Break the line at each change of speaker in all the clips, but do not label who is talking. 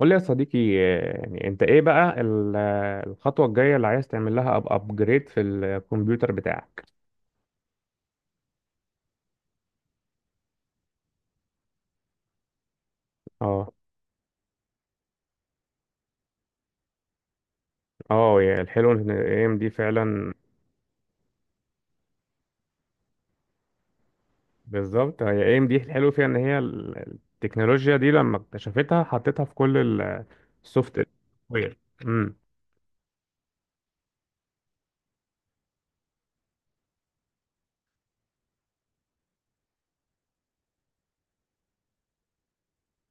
قول لي يا صديقي، يعني انت ايه بقى الخطوة الجاية اللي عايز تعمل لها ابجريد في الكمبيوتر بتاعك. اه اه يا الحلو ان اي ام دي فعلا. بالظبط، هي اي ام دي الحلو فيها ان هي التكنولوجيا دي لما اكتشفتها حطيتها في كل السوفت وير امم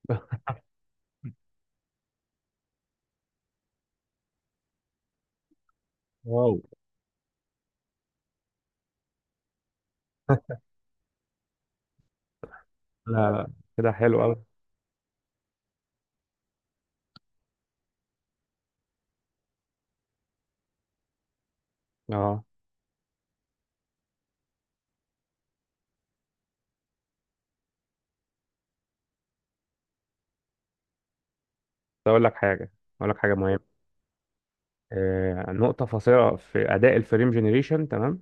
واو. لا لا، كده حلو قوي. اه بس اقول لك حاجه، اقول لك حاجه مهمه. نقطه فاصله في اداء الفريم جنريشن، تمام.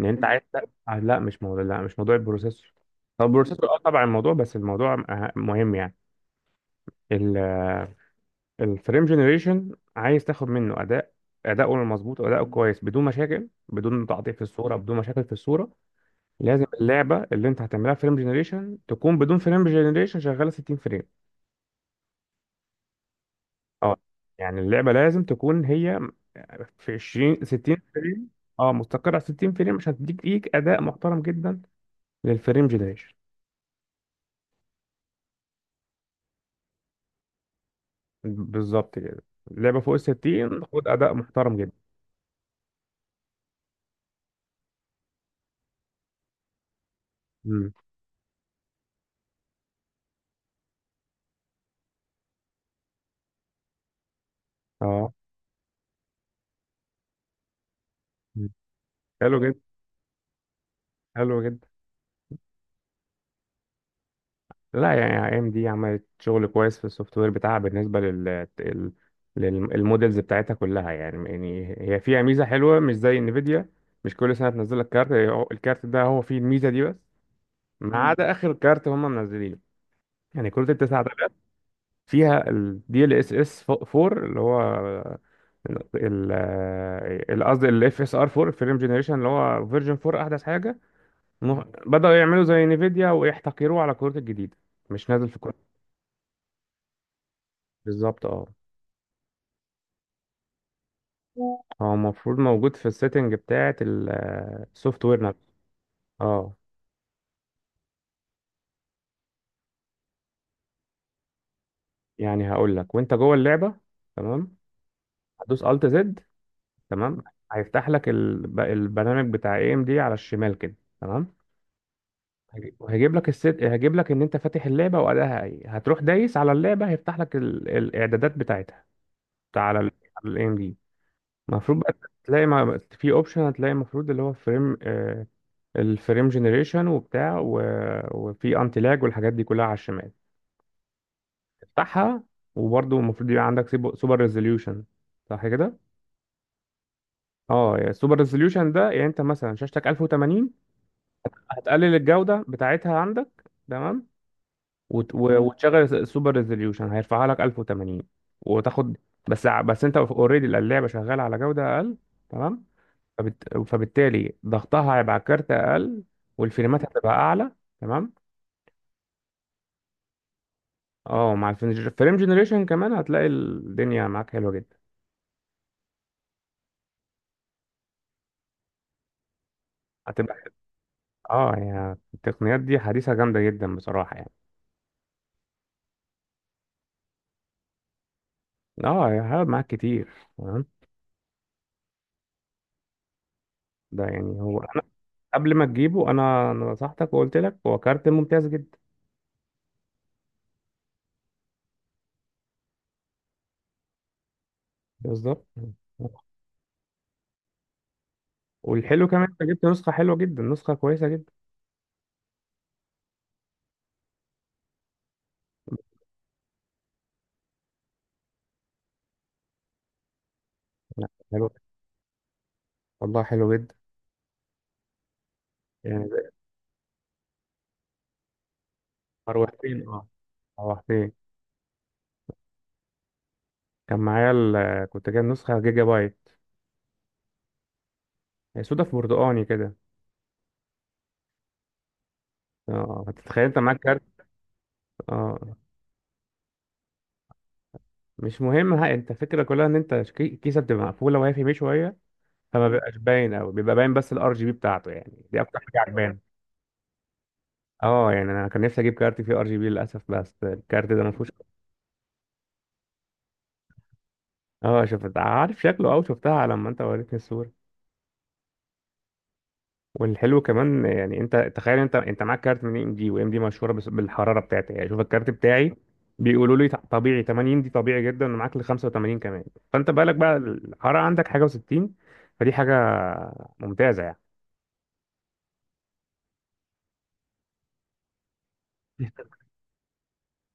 ان انت عايز، لا لا مش موضوع، لا مش موضوع البروسيسور. هو البروسيسور، طبعا الموضوع، بس الموضوع مهم يعني. الفريم جنريشن، عايز تاخد منه اداء، اداؤه المظبوط واداؤه كويس، بدون مشاكل، بدون تعطيل في الصوره، بدون مشاكل في الصوره. لازم اللعبه اللي انت هتعملها فريم جنريشن تكون بدون فريم جنريشن شغاله 60 فريم. اه يعني اللعبه لازم تكون هي في 20 60 فريم. اه مستقره على 60 فريم عشان تديك ليك اداء محترم جدا للفريم جنريشن. بالظبط كده. اللعبة فوق الستين، خد أداء محترم جدا. مم. اه. مم. حلو جدا، حلو جدا. لا، يعني اي ام دي عملت شغل كويس في السوفت وير بتاعها بالنسبة للمودلز بتاعتها كلها. يعني هي فيها ميزة حلوة مش زي انفيديا. مش كل سنة تنزل لك كارت. الكارت ده هو فيه الميزة دي بس. ما عدا آخر كارت هم منزلينه. يعني كروت التسعة ده فيها الدي ال اس اس 4 اللي هو ال قصدي ال FSR 4، فيلم جنريشن اللي هو فيرجن 4، احدث حاجه. بداوا يعملوا زي نيفيديا ويحتكروه على الكروت الجديده، مش نازل في كروت. بالظبط. اه هو المفروض موجود في السيتنج بتاعه السوفت وير نفسه. اه يعني هقول لك، وانت جوه اللعبه، تمام. هتدوس الت زد، تمام. هيفتح لك البرنامج بتاع اي ام دي على الشمال كده، تمام. وهيجيب لك الست، هيجيب لك ان انت فاتح اللعبه وادائها ايه، هتروح دايس على اللعبه، هيفتح لك الاعدادات بتاعتها على على الاي ام دي. المفروض بقى تلاقي ما في اوبشن، هتلاقي المفروض اللي هو فريم آه الفريم جنريشن وفي انتي لاج والحاجات دي كلها على الشمال. تفتحها. وبرضه المفروض يبقى عندك سوبر ريزوليوشن، صح كده؟ اه السوبر ريزوليوشن ده يعني انت مثلا شاشتك 1080. هتقلل الجودة بتاعتها عندك، تمام. وت... و- مم. وتشغل السوبر ريزوليوشن هيرفعها لك 1080. وتاخد، بس انت اوريدي اللعبة شغالة على جودة اقل، تمام. فبالتالي ضغطها هيبقى على الكارت اقل والفريمات هتبقى اعلى، تمام. اه مع الفريم جنريشن كمان هتلاقي الدنيا معاك حلوه جدا. هتبقى. اه يعني التقنيات دي حديثه جامده جدا بصراحه، يعني. اه هيقعد معاك كتير، تمام. ده يعني، هو انا قبل ما تجيبه، انا نصحتك وقلت لك هو كارت ممتاز جدا. بالظبط. والحلو كمان انت جبت نسخه حلوه جدا، نسخه كويسه جدا. لا حلو. والله حلو جدا. يعني روحتين اه روحتين. كان معايا كنت جايب نسخة جيجا بايت. هي سودا في برتقاني كده. اه هتتخيل انت معاك كارت. اه مش مهم. ها، انت الفكرة كلها ان انت الكيسة بتبقى مقفولة وهي في بيه شوية. فما بيبقاش باين قوي، بيبقى باين، بس الار جي بي بتاعته يعني دي اكتر حاجة عجباني. اه يعني انا كان نفسي اجيب كارت فيه ار جي بي، للاسف بس الكارت ده ما فيهوش. اه شفت عارف شكله، او شفتها لما انت وريتني الصورة. والحلو كمان يعني، انت تخيل، انت معاك كارت من اي ام دي، وام دي مشهوره بالحراره بتاعتها يعني. شوف الكارت بتاعي، بيقولوا لي طبيعي 80، دي طبيعي جدا ومعاك ل 85 كمان. فانت بالك بقى الحراره عندك حاجه و60، فدي حاجه ممتازه يعني.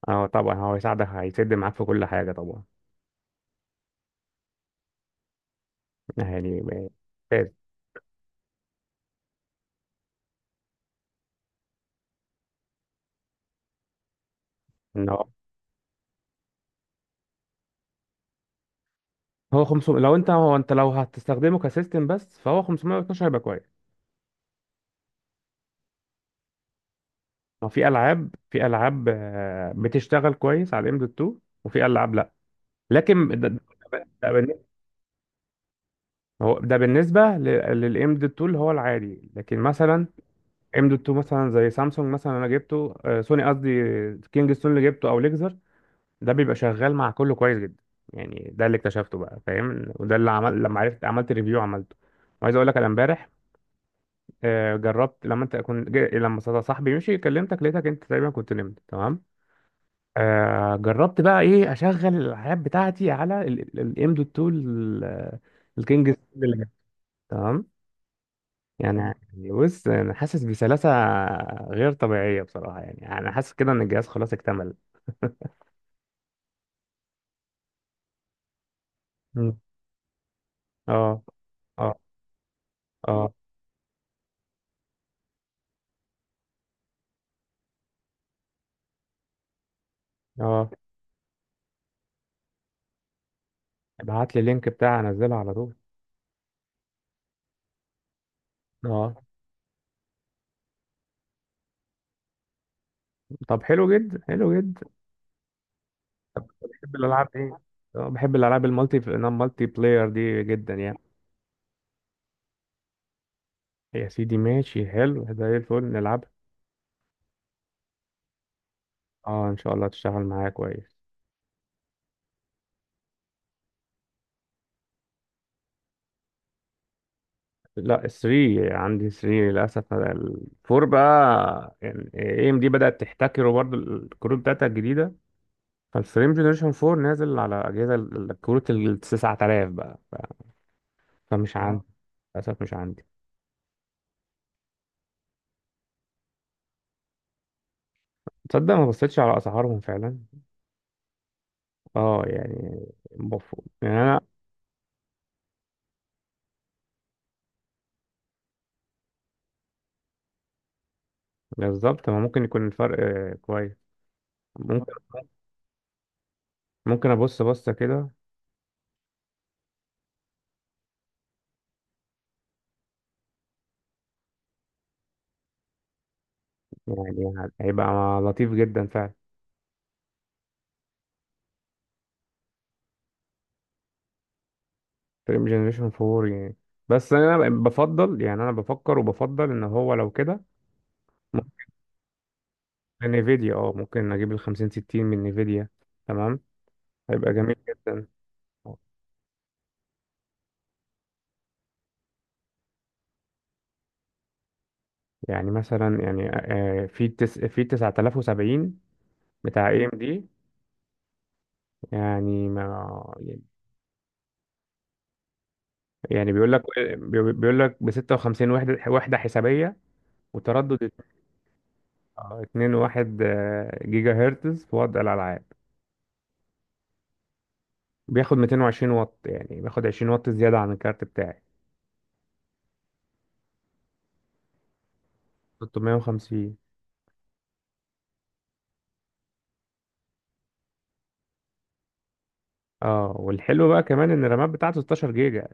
اه طبعا هو هيساعدك، هيسد معاك في كل حاجه طبعا. يعني ممتاز. ان هو 500، لو انت، هو انت لو هتستخدمه كسيستم بس، فهو 512 هيبقى كويس. هو في العاب بتشتغل كويس على الام دوت 2. وفي العاب، لكن ده ده بالن- هو ده بالنسبة للام دوت 2 اللي هو العادي، لكن مثلا ام دوت 2 مثلا زي سامسونج مثلا. انا جبته سوني قصدي، كينج ستون اللي جبته، او ليكزر، ده بيبقى شغال مع كله كويس جدا. يعني ده اللي اكتشفته بقى، فاهم؟ وده اللي عمل لما عرفت عملت ريفيو عملته. وعايز اقول لك، انا امبارح جربت لما انت كنت جا- لما صدا- صاحبي مشي كلمتك، لقيتك انت تقريبا كنت نمت، تمام. جربت بقى ايه اشغل الالعاب بتاعتي على الام دوت 2 الكينج، تمام يعني. بص انا حاسس بسلاسة غير طبيعية بصراحة، يعني انا حاسس كده ان الجهاز خلاص اكتمل. مم. اه، اه، اه. اه، ابعت لي اللينك بتاعي انزلها على طول. اه، طب حلو جدا، حلو جدا. بحب الالعاب ايه؟ اه بحب الالعاب المالتي بلاير دي جدا يعني. يا سيدي، ماشي، حلو زي الفل نلعب. اه، ان شاء الله تشتغل معايا كويس. لا، 3، عندي 3 للاسف. الفور بقى، يعني اي ام دي بدات تحتكره برضو الكروت بتاعتها الجديده. فالفريم جنريشن 4 نازل على اجهزه الكروت ال 9000 بقى. فمش عندي، للاسف مش عندي. تصدق ما بصيتش على اسعارهم فعلا. اه يعني، المفروض، يعني انا... بالظبط. ما ممكن يكون الفرق كويس، ممكن. ممكن ابص بصه كده. يعني هيبقى لطيف جدا فعلا. فريم جنريشن 4 يعني. بس انا بفضل، يعني انا بفكر وبفضل ان هو لو كده، ممكن. نيفيديا، ممكن اجيب ال 50 60 من نيفيديا، تمام. هيبقى جميل جدا. يعني مثلا، يعني في في 9070 بتاع اي ام دي، يعني ما يعني، بيقول لك ب 56 وحده حسابيه، وتردد 2.1 جيجا هرتز في وضع الالعاب. بياخد 220 واط، يعني بياخد 20 واط زياده عن الكارت بتاعي. 650. اه والحلو بقى كمان ان الرامات بتاعته 16 جيجا،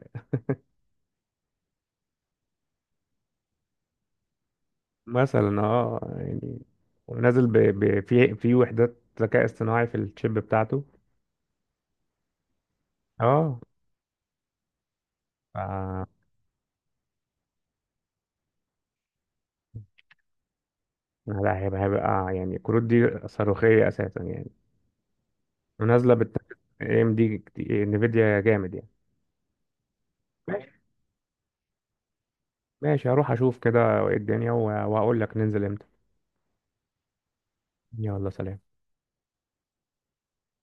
مثلا. اه يعني ونازل في وحدات ذكاء اصطناعي في الشيب بتاعته. اه ف- لا، هيبقى يعني الكروت دي صاروخية أساسا يعني. ونازلة بال اي ام دي. انفيديا جامد يعني. ماشي ماشي، هروح أشوف كده إيه الدنيا وهقول لك ننزل امتى. يلا سلام.